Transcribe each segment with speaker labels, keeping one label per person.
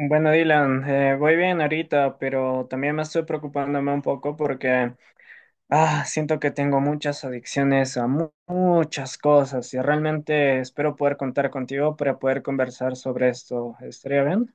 Speaker 1: Bueno, Dylan, voy bien ahorita, pero también me estoy preocupándome un poco porque siento que tengo muchas adicciones a muchas cosas y realmente espero poder contar contigo para poder conversar sobre esto. ¿Estaría bien?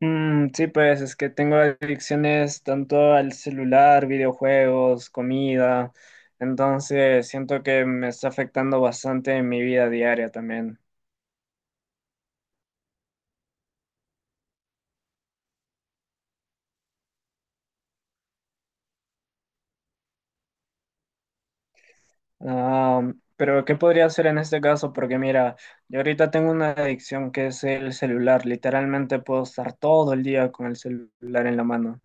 Speaker 1: Mm, sí, pues es que tengo adicciones tanto al celular, videojuegos, comida, entonces siento que me está afectando bastante en mi vida diaria también. Ah, pero ¿qué podría hacer en este caso? Porque mira, yo ahorita tengo una adicción que es el celular. Literalmente puedo estar todo el día con el celular en la mano.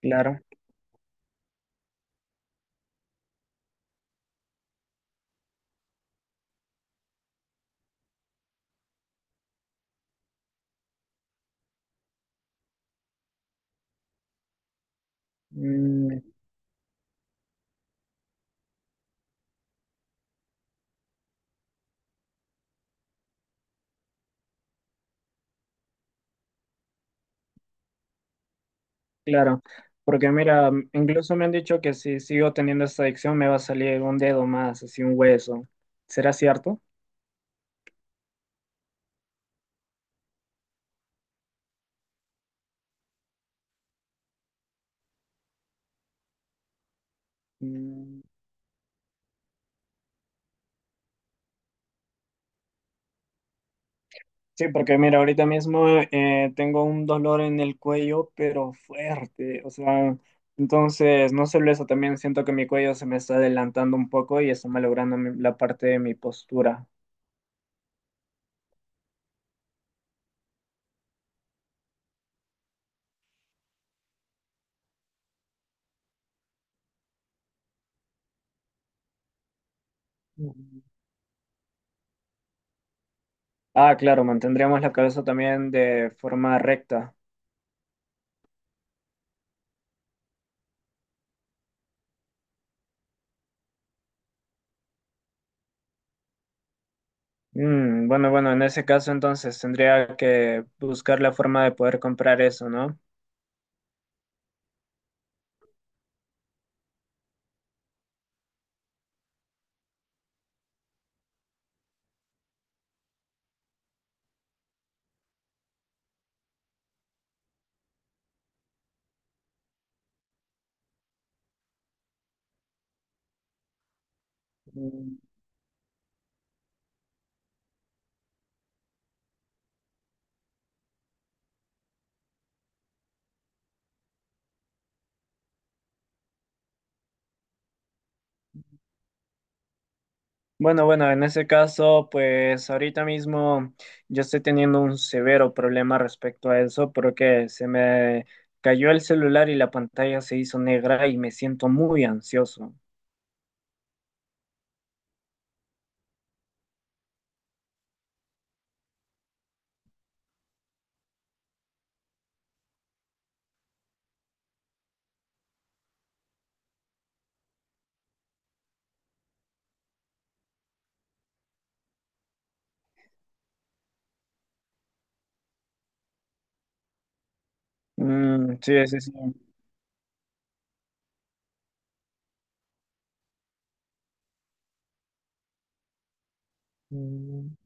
Speaker 1: Claro. Mm, claro. Porque mira, incluso me han dicho que si sigo teniendo esta adicción me va a salir un dedo más, así un hueso. ¿Será cierto? Mm. Sí, porque mira, ahorita mismo tengo un dolor en el cuello, pero fuerte, o sea, entonces, no solo eso, también siento que mi cuello se me está adelantando un poco y está malogrando la parte de mi postura. Mm. Ah, claro, mantendríamos la cabeza también de forma recta. Mm, bueno, bueno, en ese caso entonces tendría que buscar la forma de poder comprar eso, ¿no? Bueno, bueno, en ese caso, pues ahorita mismo yo estoy teniendo un severo problema respecto a eso porque se me cayó el celular y la pantalla se hizo negra y me siento muy ansioso. Mm, sí, sí, sí. Mm.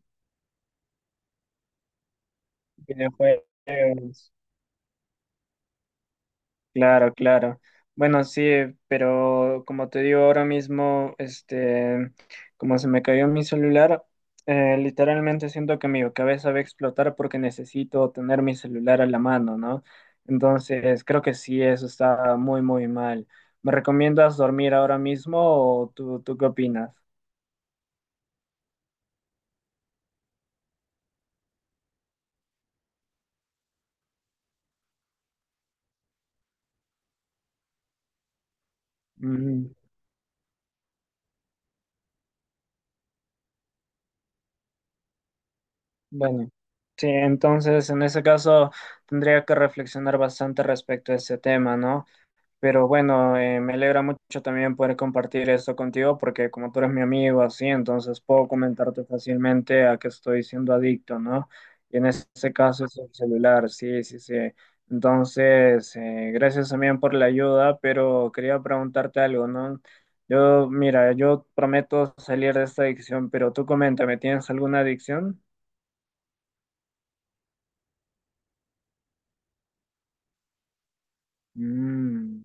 Speaker 1: Videojuegos. Claro, claro. Bueno, sí, pero como te digo ahora mismo, este, como se me cayó mi celular, literalmente siento que mi cabeza va a explotar porque necesito tener mi celular a la mano, ¿no? Entonces, creo que sí, eso está muy, muy mal. ¿Me recomiendas dormir ahora mismo o tú qué opinas? Mm, bueno, sí, entonces en ese caso tendría que reflexionar bastante respecto a ese tema, ¿no? Pero bueno, me alegra mucho también poder compartir esto contigo porque como tú eres mi amigo así, entonces puedo comentarte fácilmente a qué estoy siendo adicto, ¿no? Y en este caso es el celular, sí, sí, sí. Entonces, gracias también por la ayuda, pero quería preguntarte algo, ¿no? Yo, mira, yo prometo salir de esta adicción, pero tú coméntame, ¿tienes alguna adicción? Mm.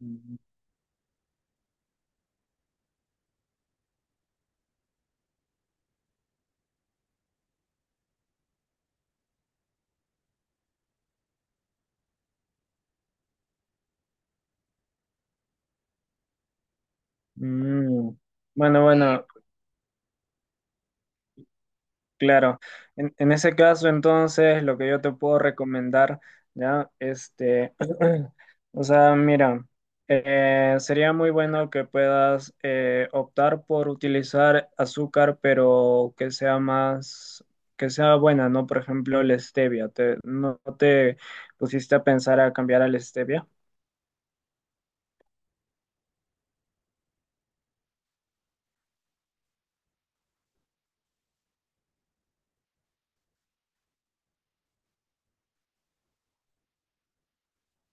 Speaker 1: Mm. Mm. Bueno, bueno. Claro, en ese caso entonces lo que yo te puedo recomendar, ¿ya? Este, o sea, mira, sería muy bueno que puedas optar por utilizar azúcar, pero que sea más, que sea buena, ¿no? Por ejemplo, la stevia, ¿te, no te pusiste a pensar a cambiar a la stevia?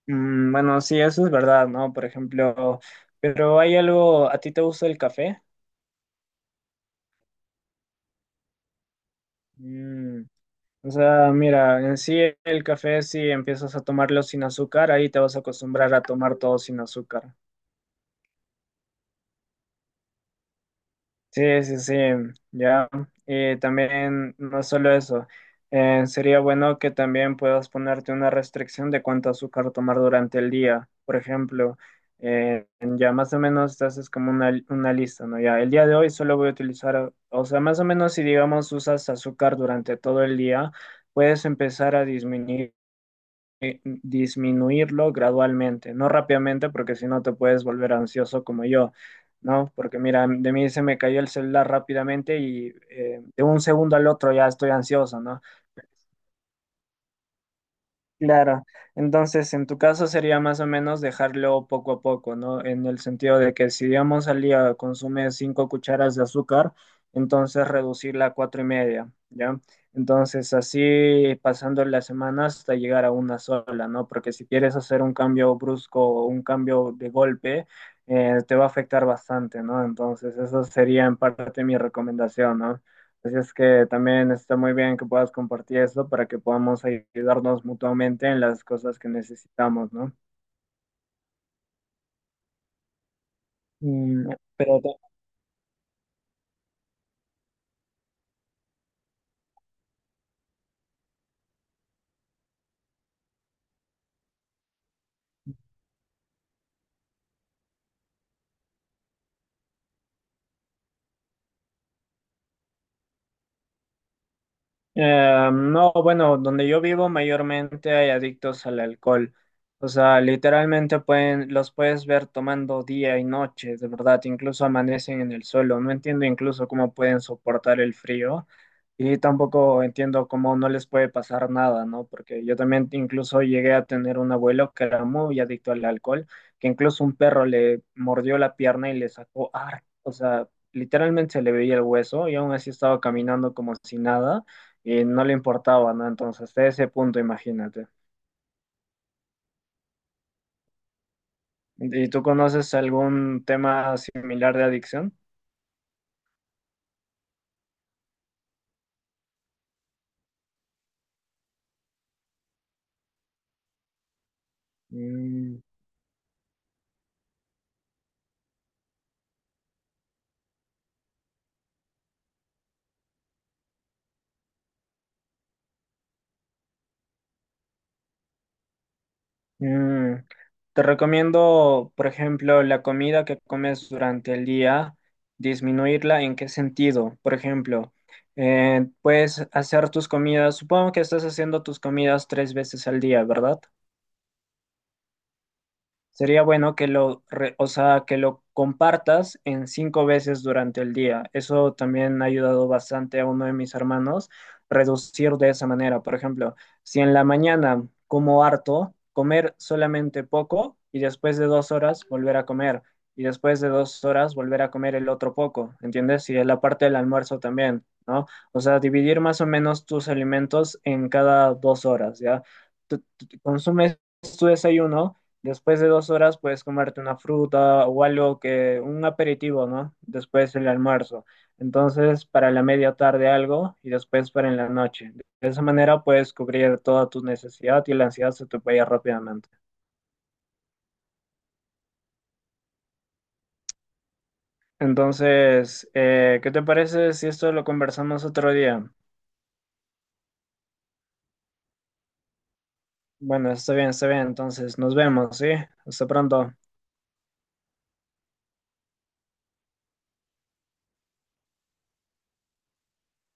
Speaker 1: Mm, bueno, sí, eso es verdad, ¿no? Por ejemplo, pero hay algo, ¿a ti te gusta el café? Mm. O sea, mira, en sí el café, si empiezas a tomarlo sin azúcar, ahí te vas a acostumbrar a tomar todo sin azúcar. Sí, sí, sí, ya. Y también, no solo eso, sería bueno que también puedas ponerte una restricción de cuánto azúcar tomar durante el día. Por ejemplo, ya más o menos te haces como una lista, ¿no? Ya, el día de hoy solo voy a utilizar, o sea, más o menos si digamos usas azúcar durante todo el día, puedes empezar a disminuir disminuirlo gradualmente, no rápidamente, porque si no te puedes volver ansioso como yo, ¿no? Porque mira, de mí se me cayó el celular rápidamente y de un segundo al otro ya estoy ansioso, ¿no? Claro, entonces en tu caso sería más o menos dejarlo poco a poco, ¿no? En el sentido de que si digamos al día consume 5 cucharas de azúcar, entonces reducirla a cuatro y media, ¿ya? Entonces así pasando la semana hasta llegar a una sola, ¿no? Porque si quieres hacer un cambio brusco o un cambio de golpe, te va a afectar bastante, ¿no? Entonces esa sería en parte mi recomendación, ¿no? Así es que también está muy bien que puedas compartir eso para que podamos ayudarnos mutuamente en las cosas que necesitamos, ¿no? Mm. Pero no, bueno, donde yo vivo mayormente hay adictos al alcohol. O sea, literalmente pueden, los puedes ver tomando día y noche, de verdad, incluso amanecen en el suelo. No entiendo incluso cómo pueden soportar el frío y tampoco entiendo cómo no les puede pasar nada, ¿no? Porque yo también incluso llegué a tener un abuelo que era muy adicto al alcohol, que incluso un perro le mordió la pierna y le sacó, o sea, literalmente se le veía el hueso y aún así estaba caminando como si nada y no le importaba, ¿no? Entonces, hasta ese punto, imagínate. ¿Y tú conoces algún tema similar de adicción? Mm. Mm. Te recomiendo, por ejemplo, la comida que comes durante el día, disminuirla. ¿En qué sentido? Por ejemplo, puedes hacer tus comidas, supongo que estás haciendo tus comidas 3 veces al día, ¿verdad? Sería bueno que lo, o sea, que lo compartas en 5 veces durante el día. Eso también ha ayudado bastante a uno de mis hermanos reducir de esa manera. Por ejemplo, si en la mañana como harto, comer solamente poco y después de 2 horas volver a comer y después de dos horas volver a comer el otro poco, ¿entiendes? Y en la parte del almuerzo también, ¿no? O sea, dividir más o menos tus alimentos en cada 2 horas, ¿ya? Consumes tu desayuno. Después de dos horas puedes comerte una fruta o algo que, un aperitivo, ¿no? Después el almuerzo. Entonces, para la media tarde algo y después para en la noche. De esa manera puedes cubrir toda tu necesidad y la ansiedad se te vaya rápidamente. Entonces, ¿qué te parece si esto lo conversamos otro día? Bueno, está bien, está bien. Entonces, nos vemos, ¿sí? Hasta pronto.